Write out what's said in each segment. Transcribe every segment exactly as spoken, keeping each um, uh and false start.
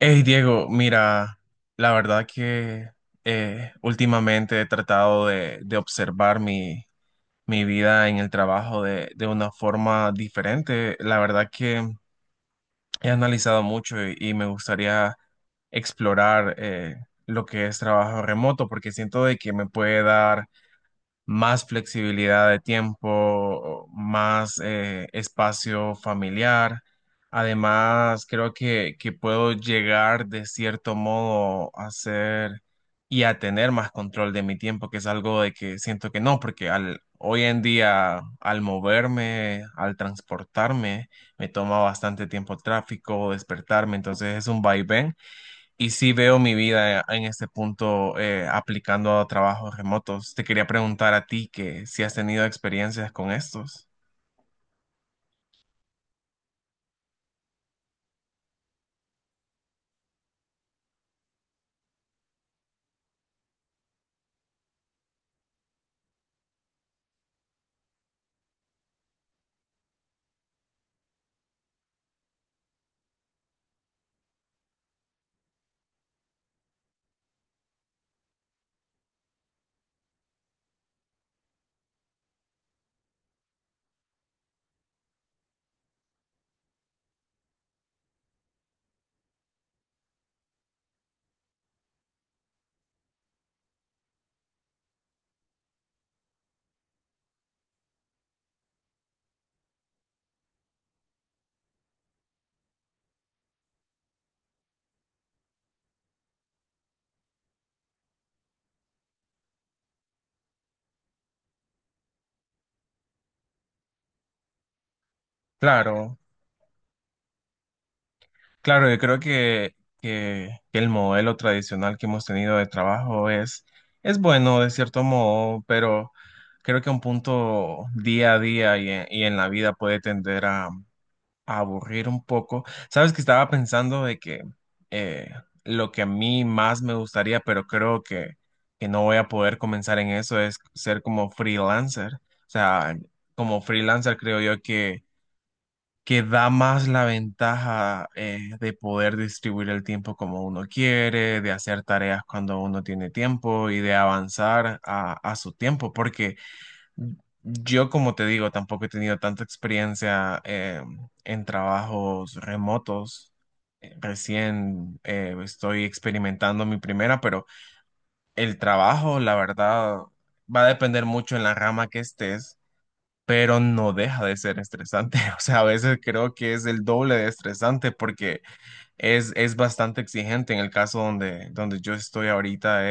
Hey Diego, mira, la verdad que eh, últimamente he tratado de, de observar mi, mi vida en el trabajo de, de una forma diferente. La verdad que he analizado mucho y, y me gustaría explorar eh, lo que es trabajo remoto porque siento de que me puede dar más flexibilidad de tiempo, más eh, espacio familiar. Además, creo que, que puedo llegar de cierto modo a ser y a tener más control de mi tiempo, que es algo de que siento que no, porque al, hoy en día al moverme, al transportarme, me toma bastante tiempo tráfico, despertarme, entonces es un vaivén y sí veo mi vida en este punto eh, aplicando a trabajos remotos. Te quería preguntar a ti que si has tenido experiencias con estos. Claro, claro, yo creo que, que, que el modelo tradicional que hemos tenido de trabajo es, es bueno de cierto modo, pero creo que un punto día a día y en, y en la vida puede tender a aburrir un poco. Sabes que estaba pensando de que eh, lo que a mí más me gustaría, pero creo que, que no voy a poder comenzar en eso, es ser como freelancer. O sea, como freelancer creo yo que, que da más la ventaja eh, de poder distribuir el tiempo como uno quiere, de hacer tareas cuando uno tiene tiempo y de avanzar a, a su tiempo, porque yo, como te digo, tampoco he tenido tanta experiencia eh, en trabajos remotos. Eh, Recién eh, estoy experimentando mi primera, pero el trabajo, la verdad, va a depender mucho en la rama que estés, pero no deja de ser estresante. O sea, a veces creo que es el doble de estresante porque es, es bastante exigente. En el caso donde, donde yo estoy ahorita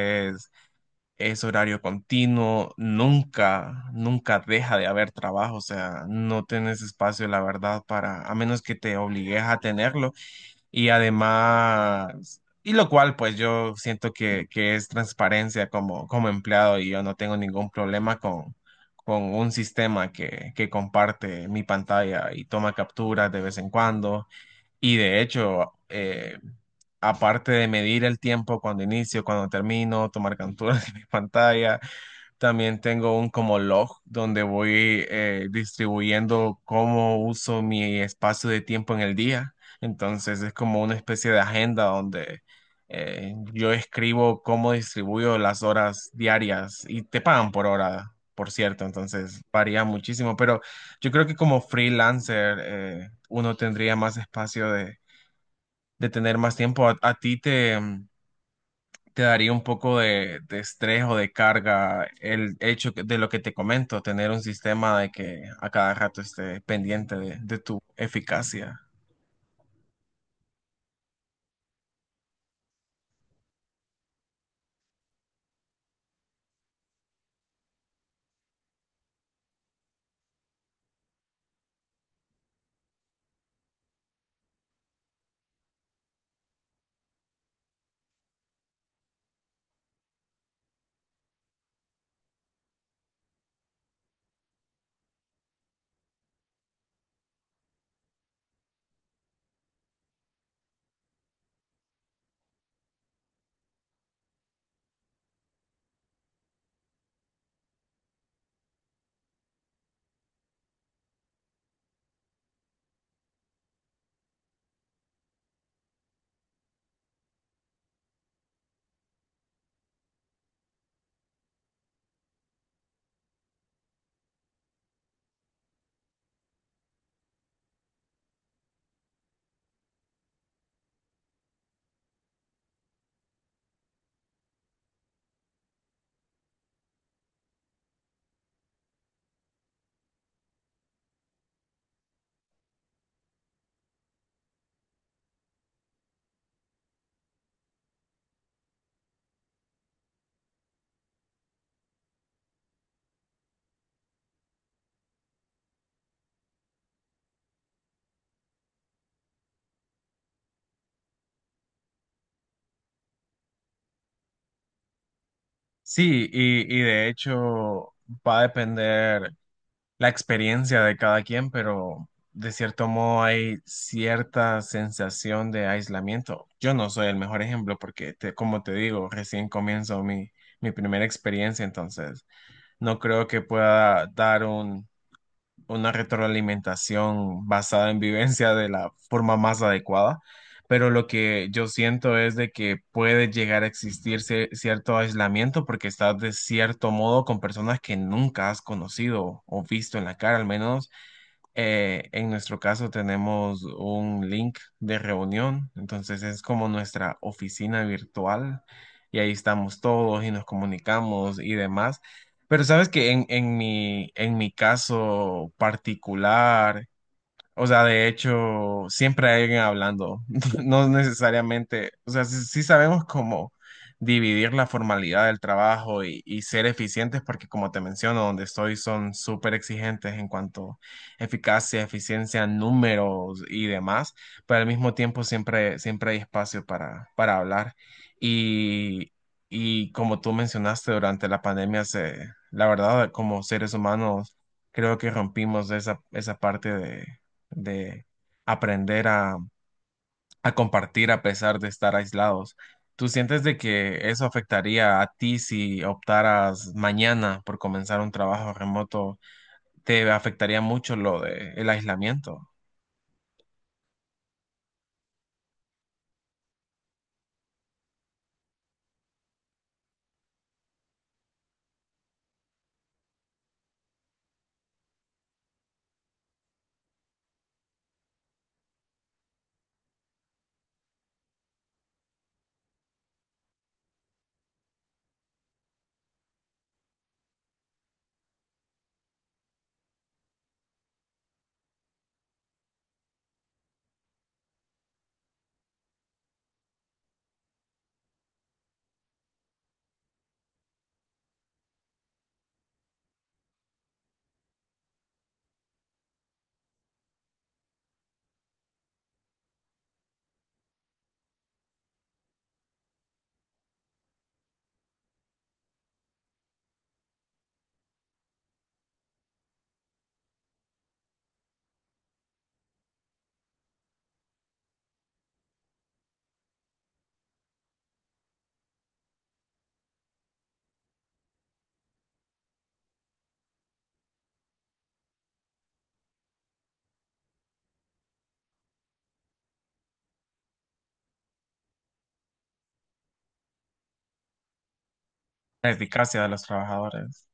es horario continuo, nunca, nunca deja de haber trabajo. O sea, no tenés espacio, la verdad, para, a menos que te obligues a tenerlo. Y además, y lo cual, pues yo siento que, que es transparencia como, como empleado y yo no tengo ningún problema con, con un sistema que, que comparte mi pantalla y toma capturas de vez en cuando y de hecho, eh, aparte de medir el tiempo cuando inicio, cuando termino, tomar capturas de mi pantalla, también tengo un como log donde voy eh, distribuyendo cómo uso mi espacio de tiempo en el día. Entonces es como una especie de agenda donde eh, yo escribo cómo distribuyo las horas diarias y te pagan por hora, por cierto, entonces varía muchísimo, pero yo creo que como freelancer eh, uno tendría más espacio de de tener más tiempo, a, a ti te, mm, te daría un poco de, de estrés o de carga el hecho que- de lo que te comento, tener un sistema de que a cada rato esté pendiente de, de tu eficacia. Sí, y, y de hecho va a depender la experiencia de cada quien, pero de cierto modo hay cierta sensación de aislamiento. Yo no soy el mejor ejemplo porque, te- como te digo, recién comienzo mi, mi primera experiencia, entonces no creo que pueda dar un, una retroalimentación basada en vivencia de la forma más adecuada, pero lo que yo siento es de que puede llegar a existir cie- cierto aislamiento porque estás de cierto modo con personas que nunca has conocido o visto en la cara al menos. Eh, en nuestro caso tenemos un link de reunión, entonces es como nuestra oficina virtual y ahí estamos todos y nos comunicamos y demás. Pero sabes que en, en mi, en mi caso particular, o sea, de hecho, siempre hay alguien hablando, no necesariamente, o sea, sí, sí sabemos cómo dividir la formalidad del trabajo y, y ser eficientes, porque como te menciono, donde estoy son súper exigentes en cuanto a eficacia, eficiencia, números y demás, pero al mismo tiempo siempre, siempre hay espacio para, para hablar. Y, y como tú mencionaste, durante la pandemia, se, la verdad, como seres humanos, creo que rompimos esa, esa parte de de aprender a, a compartir a pesar de estar aislados. ¿Tú sientes de que eso afectaría a ti si optaras mañana por comenzar un trabajo remoto? ¿Te afectaría mucho lo de el aislamiento? La eficacia de los trabajadores.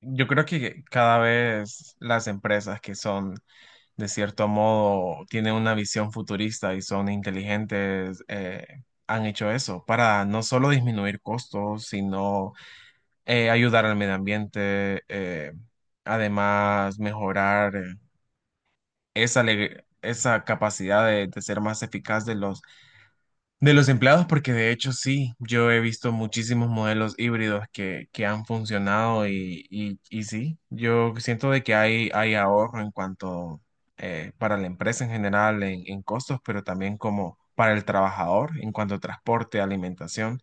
Yo creo que cada vez las empresas que son de cierto modo, tienen una visión futurista y son inteligentes, eh, han hecho eso para no solo disminuir costos, sino eh, ayudar al medio ambiente, eh, además mejorar eh, esa, ale- esa capacidad de, de ser más eficaz de los de los empleados, porque de hecho sí, yo he visto muchísimos modelos híbridos que, que han funcionado y, y, y sí, yo siento de que hay, hay ahorro en cuanto eh, para la empresa en general en, en costos, pero también como para el trabajador en cuanto a transporte, alimentación.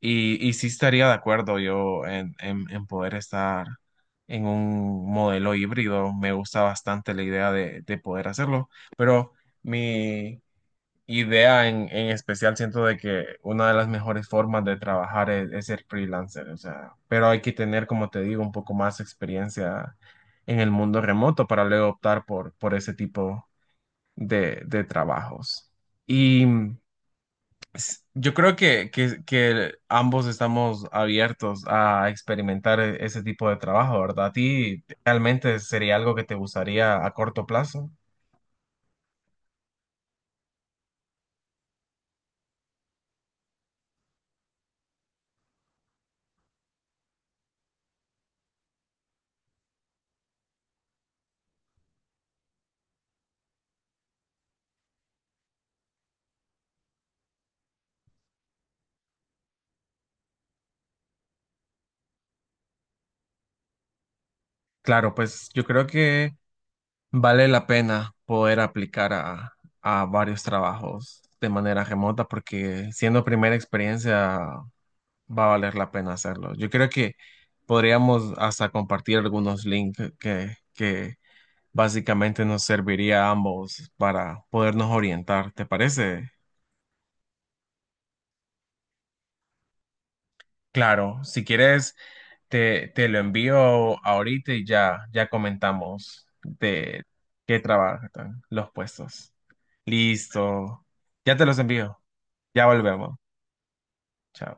Y, y sí estaría de acuerdo yo en, en, en poder estar en un modelo híbrido. Me gusta bastante la idea de, de poder hacerlo, pero mi idea en, en especial, siento de que una de las mejores formas de trabajar es, es ser freelancer. O sea, pero hay que tener, como te digo, un poco más experiencia en el mundo remoto para luego optar por, por ese tipo de, de trabajos. Y mm, s- yo creo que, que, que ambos estamos abiertos a experimentar e- ese tipo de trabajo, ¿verdad? ¿A ti realmente sería algo que te gustaría a corto plazo? Claro, pues yo creo que... Vale la pena poder aplicar a, a varios trabajos de manera remota porque siendo primera experiencia va a valer la pena hacerlo. Yo creo que podríamos hasta compartir algunos links que, que básicamente nos serviría a ambos para podernos orientar. ¿Te parece? Claro, si quieres, te, te lo envío ahorita y ya, ya comentamos de qué trabajan los puestos. Listo. Ya te los envío. Ya volvemos. Chao.